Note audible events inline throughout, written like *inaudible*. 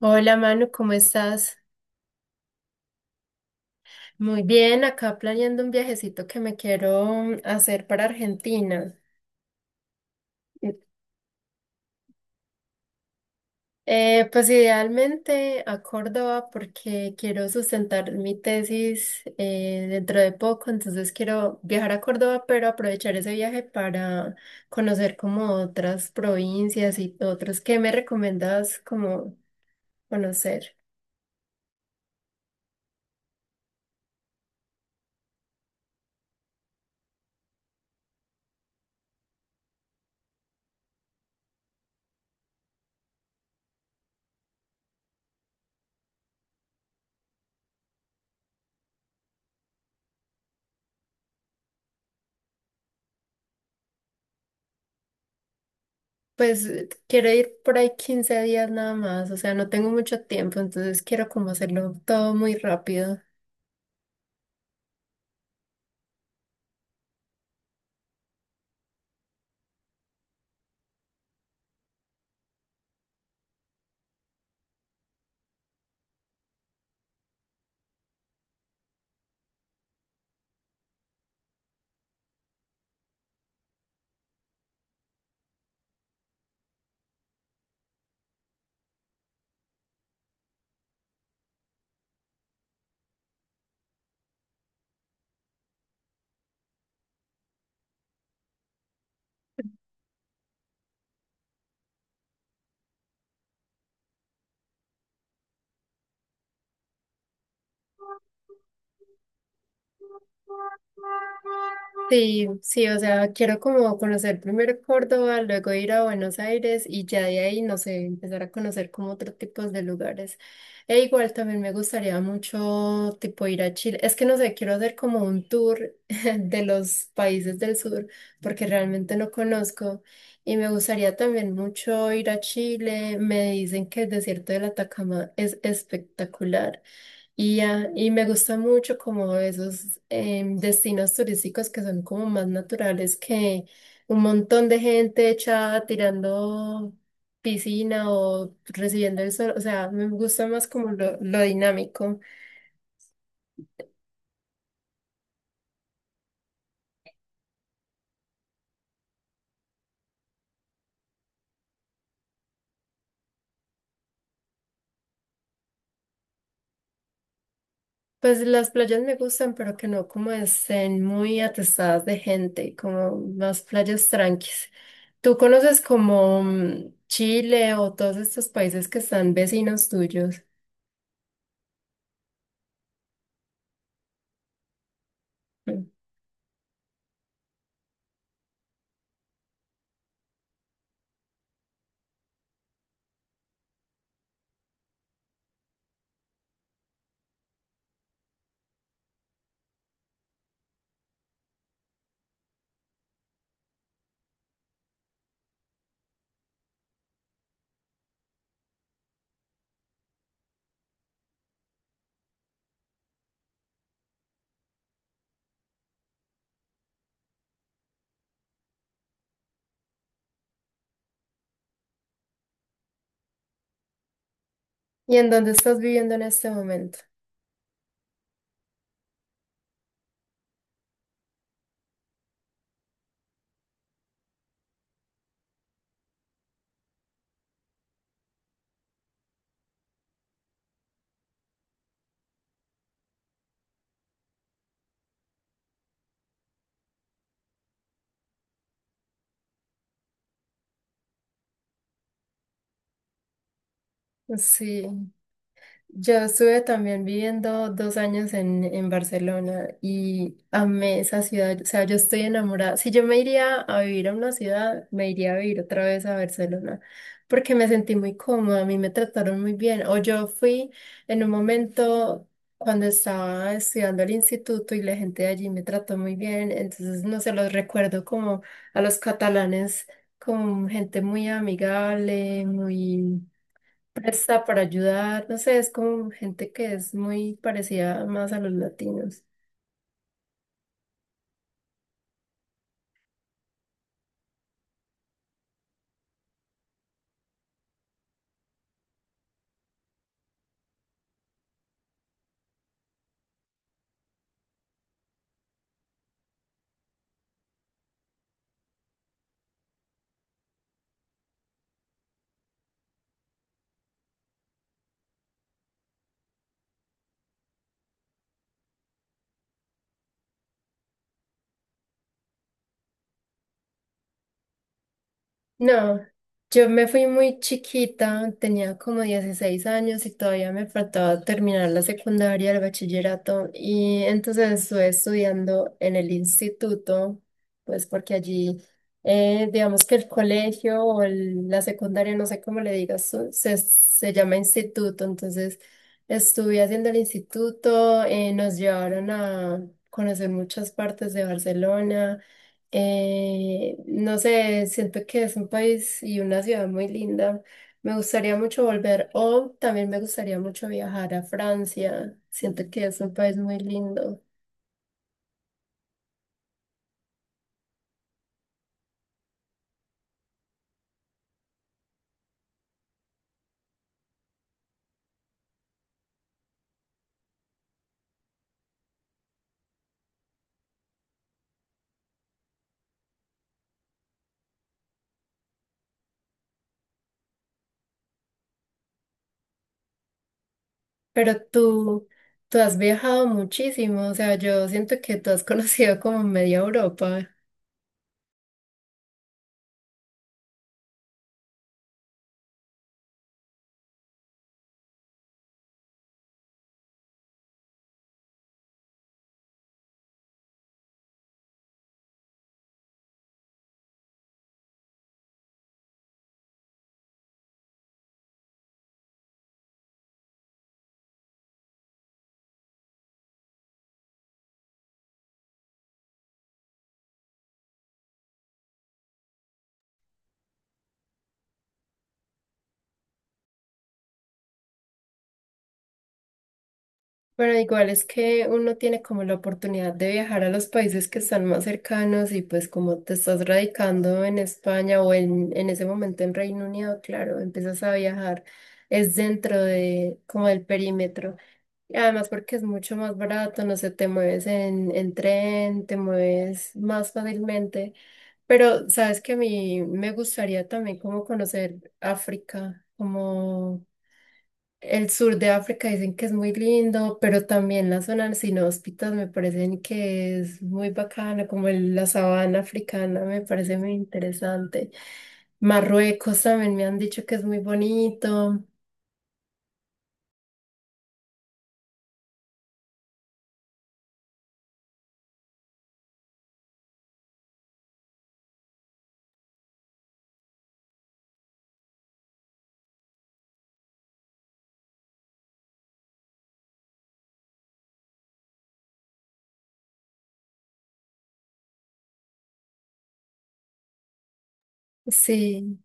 Hola Manu, ¿cómo estás? Muy bien, acá planeando un viajecito que me quiero hacer para Argentina. Pues idealmente a Córdoba porque quiero sustentar mi tesis dentro de poco, entonces quiero viajar a Córdoba, pero aprovechar ese viaje para conocer como otras provincias y otros. ¿Qué me recomiendas como conocer? Pues quiero ir por ahí 15 días nada más, o sea, no tengo mucho tiempo, entonces quiero como hacerlo todo muy rápido. Sí, sí, o sea, quiero como conocer primero Córdoba, luego ir a Buenos Aires y ya de ahí, no sé, empezar a conocer como otros tipos de lugares. E igual también me gustaría mucho tipo ir a Chile. Es que no sé, quiero hacer como un tour *laughs* de los países del sur porque realmente no conozco y me gustaría también mucho ir a Chile. Me dicen que el desierto de la Atacama es espectacular. Y, ya, y me gusta mucho como esos destinos turísticos que son como más naturales que un montón de gente echada tirando piscina o recibiendo el sol. O sea, me gusta más como lo dinámico. Pues las playas me gustan, pero que no como estén muy atestadas de gente, como más playas tranquis. ¿Tú conoces como Chile o todos estos países que están vecinos tuyos? Mm. ¿Y en dónde estás viviendo en este momento? Sí. Yo estuve también viviendo 2 años en Barcelona y amé esa ciudad. O sea, yo estoy enamorada. Si yo me iría a vivir a una ciudad, me iría a vivir otra vez a Barcelona porque me sentí muy cómoda, a mí me trataron muy bien. O yo fui en un momento cuando estaba estudiando al instituto y la gente de allí me trató muy bien. Entonces, no se los recuerdo como a los catalanes, como gente muy amigable, muy presta para ayudar, no sé, es como gente que es muy parecida más a los latinos. No, yo me fui muy chiquita, tenía como 16 años y todavía me faltaba terminar la secundaria, el bachillerato, y entonces estuve estudiando en el instituto, pues porque allí, digamos que el colegio o la secundaria, no sé cómo le digas, tú, se llama instituto, entonces estuve haciendo el instituto, nos llevaron a conocer muchas partes de Barcelona. No sé, siento que es un país y una ciudad muy linda. Me gustaría mucho volver o también me gustaría mucho viajar a Francia. Siento que es un país muy lindo. Pero tú, tú has viajado muchísimo, o sea, yo siento que tú has *laughs* conocido como media Europa. Pero igual es que uno tiene como la oportunidad de viajar a los países que están más cercanos y pues como te estás radicando en España o en ese momento en Reino Unido, claro, empiezas a viajar, es dentro de como del perímetro. Y además porque es mucho más barato, no sé, te mueves en tren, te mueves más fácilmente. Pero sabes que a mí me gustaría también como conocer África, como... El sur de África dicen que es muy lindo, pero también la zona sin hóspitas me parecen que es muy bacana, como la sabana africana me parece muy interesante. Marruecos también me han dicho que es muy bonito. Sí.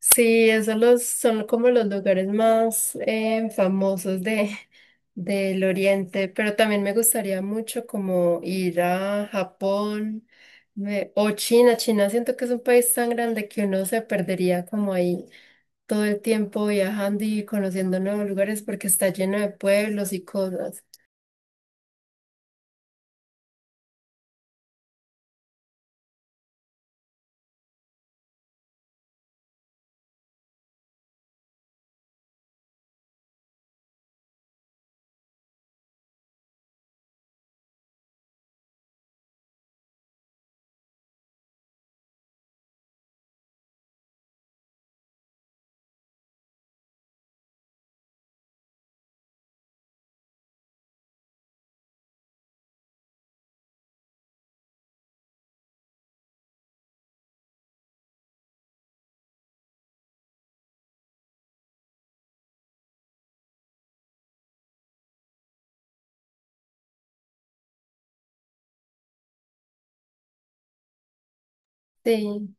Sí, son como los lugares más famosos de, *laughs* del Oriente, pero también me gustaría mucho como ir a Japón o China. China siento que es un país tan grande que uno se perdería como ahí todo el tiempo viajando y conociendo nuevos lugares porque está lleno de pueblos y cosas. Sí,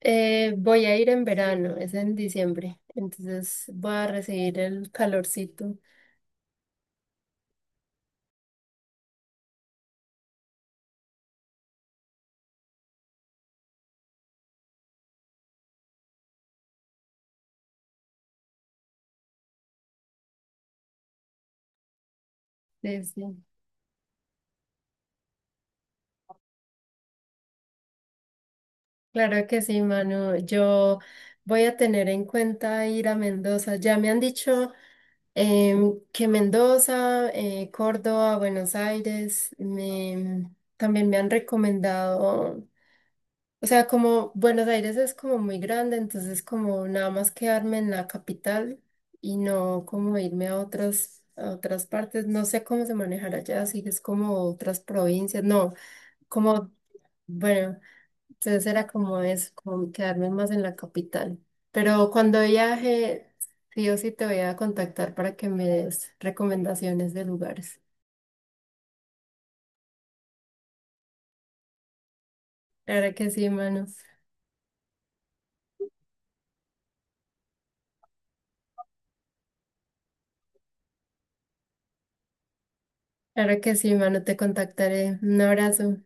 voy a ir en verano, es en diciembre, entonces voy a recibir el calorcito. De sí. Claro que sí, Manu. Yo voy a tener en cuenta ir a Mendoza. Ya me han dicho que Mendoza, Córdoba, Buenos Aires, también me han recomendado, o sea, como Buenos Aires es como muy grande, entonces como nada más quedarme en la capital y no como irme a a otras partes. No sé cómo se manejará allá, si es como otras provincias, no, como, bueno. Entonces era como eso, como quedarme más en la capital. Pero cuando viaje, sí o sí te voy a contactar para que me des recomendaciones de lugares. Claro que sí, mano. Claro que sí, mano, te contactaré. Un abrazo.